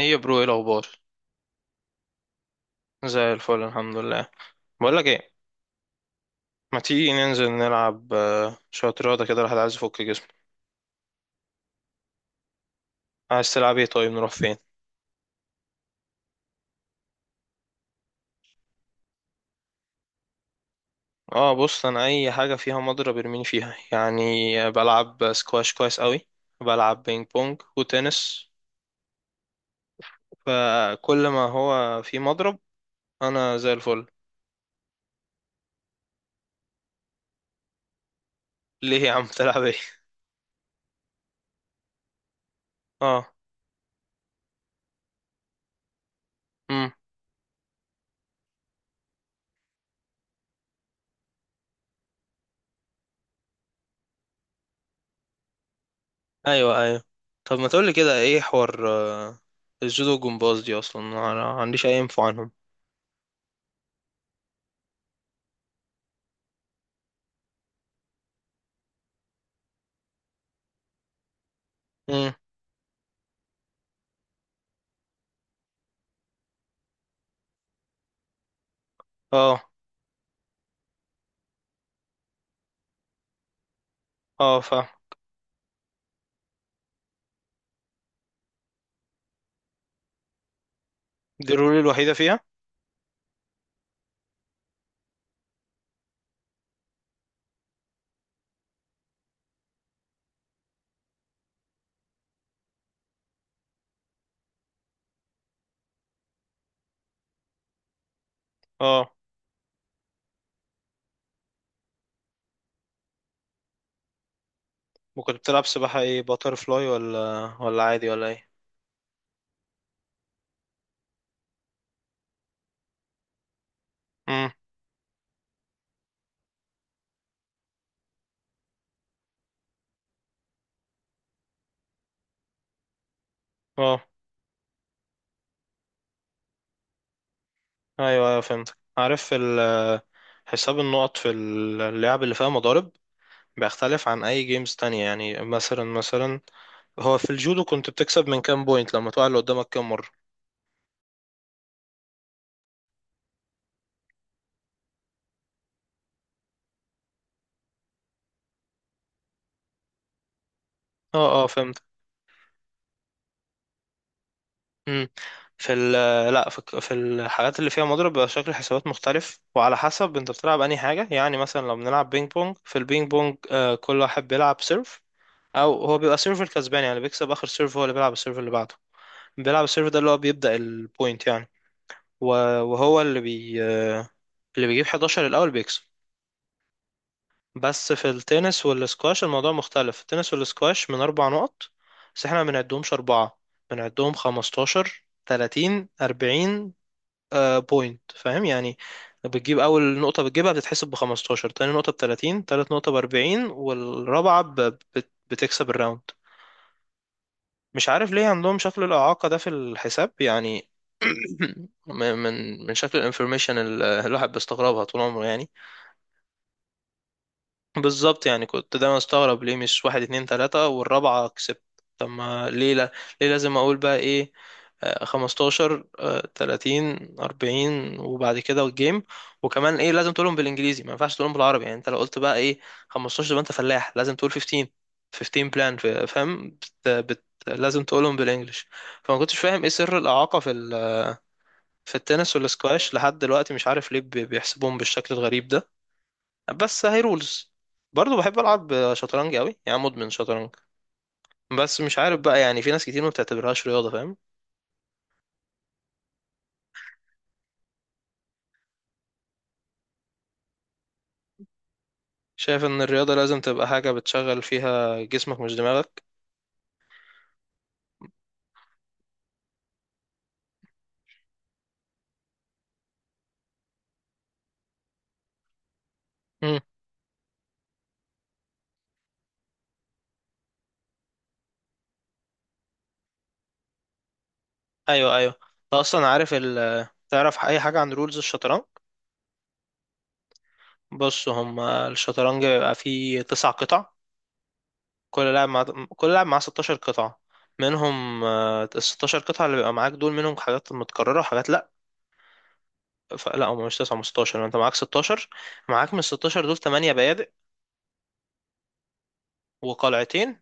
ايه يا برو، ايه الاخبار؟ زي الفل الحمد لله. بقول لك ايه، ما تيجي ننزل نلعب، شويه رياضه كده، الواحد عايز يفك جسمه. عايز تلعب ايه؟ طيب نروح فين؟ اه، بص، انا اي حاجه فيها مضرب ارميني فيها يعني. بلعب سكواش كويس قوي. بلعب بينج بونج وتنس. فكل ما هو في مضرب انا زي الفل. ليه يا عم؟ تلعب ايه؟ اه. امم ايوه، ايوه، طب ما تقولي كده، ايه حوار الجودو والجمباز دي؟ اصلا انا ما عنديش اي انفو عنهم. امم. اه اه، فاهم. دي الرول الوحيدة فيها؟ اه. ممكن بتلعب سباحة ايه، باتر فلاي ولا ولا عادي ولا ايه؟ امم. اه، ايوه ايوه فهمت. عارف حساب النقط في اللعب اللي فيها مضارب بيختلف عن اي جيمز تانية يعني. مثلا هو في الجودو كنت بتكسب من كام بوينت؟ لما تقع اللي قدامك كام مرة؟ اه اه فهمت. امم. في ال لا، في الحاجات اللي فيها مضرب بيبقى شكل الحسابات مختلف، وعلى حسب انت بتلعب انهي حاجة. يعني مثلا لو بنلعب بينج بونج، في البينج بونج آه كل واحد بيلعب سيرف. او هو بيبقى سيرفر كسبان، يعني بيكسب اخر سيرف، هو اللي بيلعب السيرف اللي بعده. بيلعب السيرف ده اللي هو بيبدأ البوينت يعني. و- وهو اللي بي اللي بيجيب 11 الاول بيكسب. بس في التنس والسكواش الموضوع مختلف. في التنس والسكواش من اربع نقط، بس احنا ما بنعدهمش اربعة، بنعدهم 15 30 40 آه بوينت، فاهم يعني. بتجيب اول نقطة، بتجيبها بتتحسب ب 15، تاني نقطة ب 30، تالت نقطة ب 40، والرابعة بتكسب الراوند. مش عارف ليه عندهم شكل الإعاقة ده في الحساب يعني. من شكل الانفورميشن اللي الواحد بيستغربها طول عمره يعني. بالظبط، يعني كنت دايما استغرب، ليه مش واحد اتنين تلاتة والرابعة كسبت، طب ما ليه، لا، ليه لازم اقول بقى ايه، 15 30 40 وبعد كده والجيم. وكمان ايه لازم تقولهم بالانجليزي، ما ينفعش تقولهم بالعربي يعني. انت لو قلت بقى ايه 15 يبقى انت فلاح، لازم تقول 15، 15 بلان، فاهم. لازم تقولهم بالانجلش. فما كنتش فاهم ايه سر الاعاقة في التنس والسكواش لحد دلوقتي. مش عارف ليه بيحسبوهم بالشكل الغريب ده. بس هاي رولز. برضه بحب العب شطرنج قوي، يعني مدمن شطرنج. بس مش عارف بقى يعني، في ناس كتير ما بتعتبرهاش رياضه، فاهم. شايف ان الرياضه لازم تبقى حاجه بتشغل فيها جسمك مش دماغك. امم، ايوه ايوه. انت اصلا عارف تعرف اي حاجه عن رولز الشطرنج؟ بص، هم الشطرنج بيبقى فيه تسع قطع، كل لاعب مع كل لاعب معاه 16 قطعه، منهم ال 16 قطعه اللي بيبقى معاك دول منهم حاجات متكرره وحاجات لا. لا، هم مش 9، هم 16، انت معاك 16. معاك من ال 16 دول 8 بيادق وقلعتين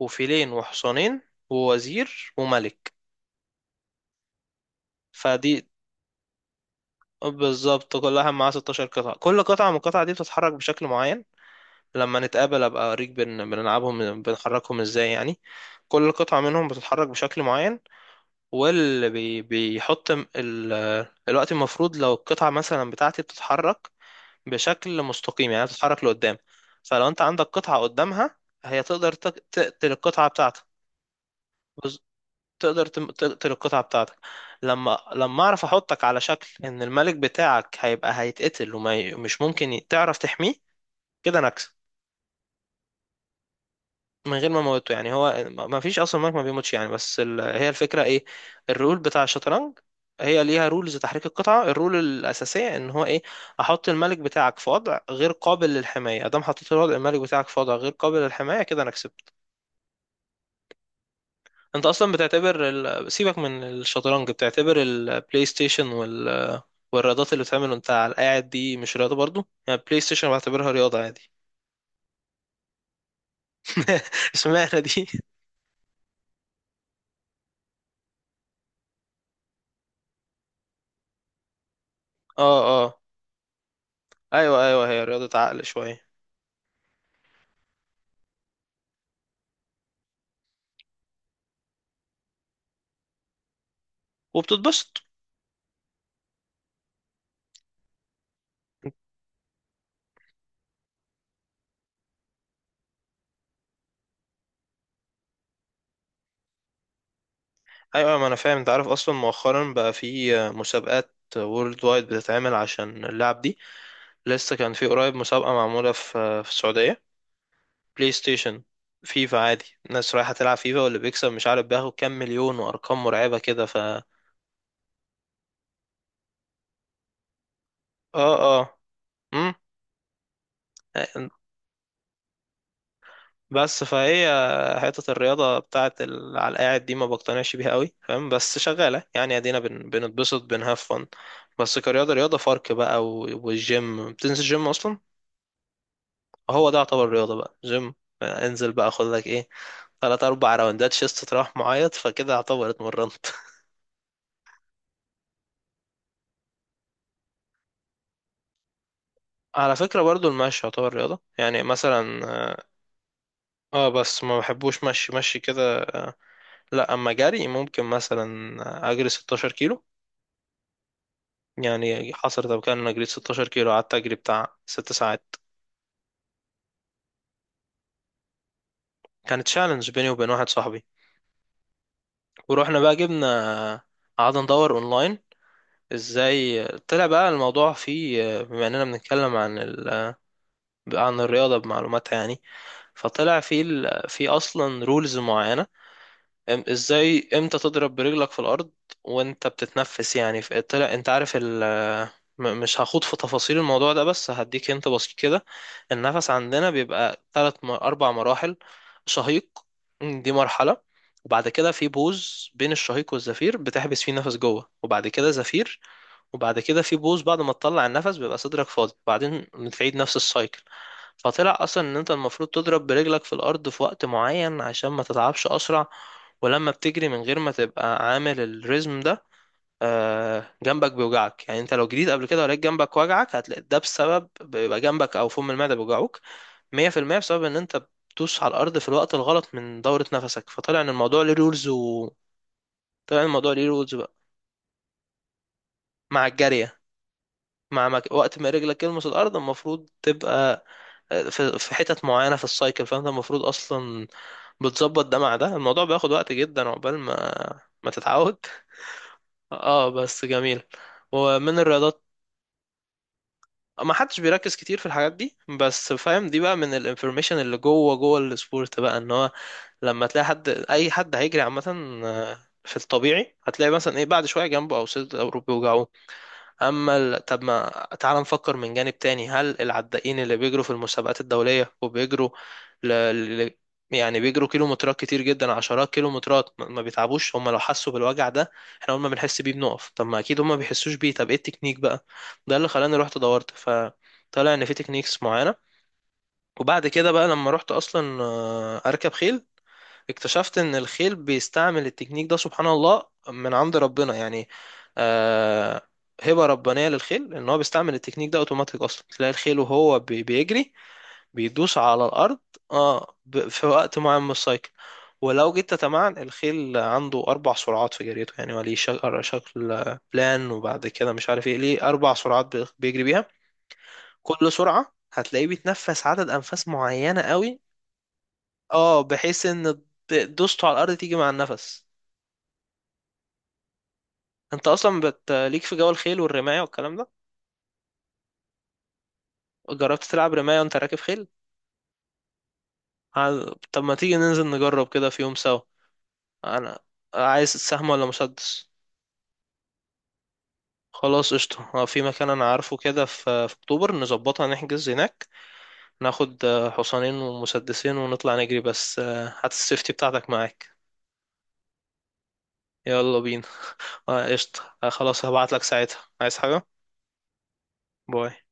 وفيلين وحصانين ووزير وملك. فدي بالظبط كلها معاها 16 قطعة. كل قطعة من القطع دي بتتحرك بشكل معين. لما نتقابل ابقى اوريك بنلعبهم بنحركهم ازاي يعني. كل قطعة منهم بتتحرك بشكل معين، واللي بي... بيحط م- ال... الوقت المفروض لو القطعة مثلا بتاعتي بتتحرك بشكل مستقيم، يعني بتتحرك لقدام، فلو انت عندك قطعة قدامها هي تقدر تقتل القطعة بتاعتك. تقدر تقتل القطعة بتاعتك. لما اعرف احطك على شكل ان الملك بتاعك هيبقى هيتقتل ومش ممكن تعرف تحميه، كده انا اكسب. من غير ما اموته، يعني هو ما فيش اصلا ملك ما بيموتش يعني. هي الفكرة ايه، الرول بتاع الشطرنج، هي ليها رولز تحريك القطعة، الرول الأساسية إن هو إيه، أحط الملك بتاعك في وضع غير قابل للحماية. أدام حطيت الوضع الملك بتاعك في وضع غير قابل للحماية، كده أنا كسبت. انت اصلا سيبك من الشطرنج، بتعتبر البلاي ستيشن والرياضات اللي بتعمل وانت على القاعد دي مش رياضة برضو يعني؟ البلاي ستيشن بعتبرها رياضة عادي. اشمعنى دي؟ اه اه، ايوه ايوه، هي رياضة عقل شوية وبتتبسط. ايوه، ما انا فاهم. انت عارف اصلا مؤخرا بقى في مسابقات وورلد وايد بتتعمل عشان اللعب دي. لسه كان في قريب مسابقة معمولة في السعودية، بلاي ستيشن، فيفا عادي. الناس رايحة تلعب فيفا واللي بيكسب مش عارف بياخد كام مليون، وأرقام مرعبة كده. ف اه اه، مم. بس فهي حتة على القاعد دي ما بقتنعش بيها قوي، فاهم، بس شغالة يعني، ادينا بنتبسط، بنهاف فن، بس كرياضة رياضة فرق بقى. والجيم بتنزل جيم أصلا، هو ده يعتبر رياضة بقى، جيم. انزل بقى خد لك ايه، تلات أربع راوندات شيست تروح معيط، فكده يعتبر اتمرنت. على فكرة برضو المشي يعتبر رياضة، يعني مثلا اه بس ما بحبوش مشي مشي كده لا، اما جري ممكن، مثلا اجري 16 كيلو يعني. حصلت قبل كده ان انا جريت 16 كيلو، قعدت اجري بتاع 6 ساعات. كانت تشالنج بيني وبين واحد صاحبي، ورحنا بقى جبنا آه، قعدنا ندور اونلاين ازاي، طلع بقى الموضوع فيه بما اننا بنتكلم عن ال... آه، عن الرياضة بمعلوماتها يعني. فيه اصلا رولز معينة. ازاي امتى تضرب برجلك في الارض وانت بتتنفس يعني. في، طلع انت عارف مش هخوض في تفاصيل الموضوع ده، بس هديك انت بسيط كده. النفس عندنا بيبقى ثلاث اربع مراحل، شهيق، دي مرحلة، وبعد كده في بوز بين الشهيق والزفير، بتحبس فيه نفس جوه، وبعد كده زفير، وبعد كده في بوز بعد ما تطلع النفس بيبقى صدرك فاضي، وبعدين بتعيد نفس السايكل. فطلع اصلا ان انت المفروض تضرب برجلك في الارض في وقت معين عشان ما تتعبش اسرع. ولما بتجري من غير ما تبقى عامل الريزم ده جنبك بيوجعك، يعني انت لو جريت قبل كده ولقيت جنبك وجعك، هتلاقي ده بسبب بيبقى جنبك او فم المعده بيوجعوك، 100% بسبب ان انت بتدوس على الارض في الوقت الغلط من دوره نفسك. فطلع ان الموضوع ليه رولز و، طلع ان الموضوع ليه رولز بقى. مع الجاريه، وقت ما رجلك تلمس الارض المفروض تبقى في حتت معينه في السايكل، فانت المفروض اصلا بتظبط ده مع ده. الموضوع بياخد وقت جدا عقبال ما تتعود. اه، بس جميل. ومن الرياضات، ما حدش بيركز كتير في الحاجات دي، بس فاهم دي بقى من الانفورميشن اللي جوه جوه السبورت بقى. ان هو لما تلاقي حد، اي حد هيجري عامه، آه، في الطبيعي هتلاقي مثلا ايه، بعد شويه جنبه او صدره او بيوجعه. طب ما تعال نفكر من جانب تاني، هل العدائين اللي بيجروا في المسابقات الدولية وبيجروا ل... ل... يعني بيجروا كيلومترات كتير جدا، عشرات كيلومترات، ما بيتعبوش هم؟ لو حسوا بالوجع ده احنا اول ما بنحس بيه بنقف، طب ما اكيد هم ما بيحسوش بيه. طب ايه التكنيك بقى؟ ده اللي خلاني رحت دورت، فطلع ان في تكنيكس معينة. وبعد كده بقى لما رحت اصلا اركب خيل، اكتشفت ان الخيل بيستعمل التكنيك ده، سبحان الله من عند ربنا يعني. آه، هبة ربانية للخيل ان هو بيستعمل التكنيك ده اوتوماتيك. اصلا تلاقي الخيل وهو بيجري بيدوس على الارض، اه في وقت معين من السايكل. ولو جيت تتمعن، الخيل عنده اربع سرعات في جريته، يعني هو ليه شكل بلان وبعد كده مش عارف ايه، ليه اربع سرعات بيجري بيها. كل سرعة هتلاقيه بيتنفس عدد انفاس معينة قوي، اه، بحيث ان دوسته على الارض تيجي مع النفس. انت اصلا ليك في جو الخيل والرماية والكلام ده، جربت تلعب رماية وانت راكب خيل؟ عايز- طب ما تيجي ننزل نجرب كده في يوم سوا. انا عايز سهم ولا مسدس؟ خلاص قشطة، اه، في مكان انا عارفه كده، في اكتوبر نظبطها، نحجز هناك، ناخد اه حصانين ومسدسين ونطلع نجري، بس اه هات السيفتي بتاعتك معاك. يلا بينا. اه قشطة، اه خلاص، هبعتلك ساعتها. عايز حاجة؟ باي.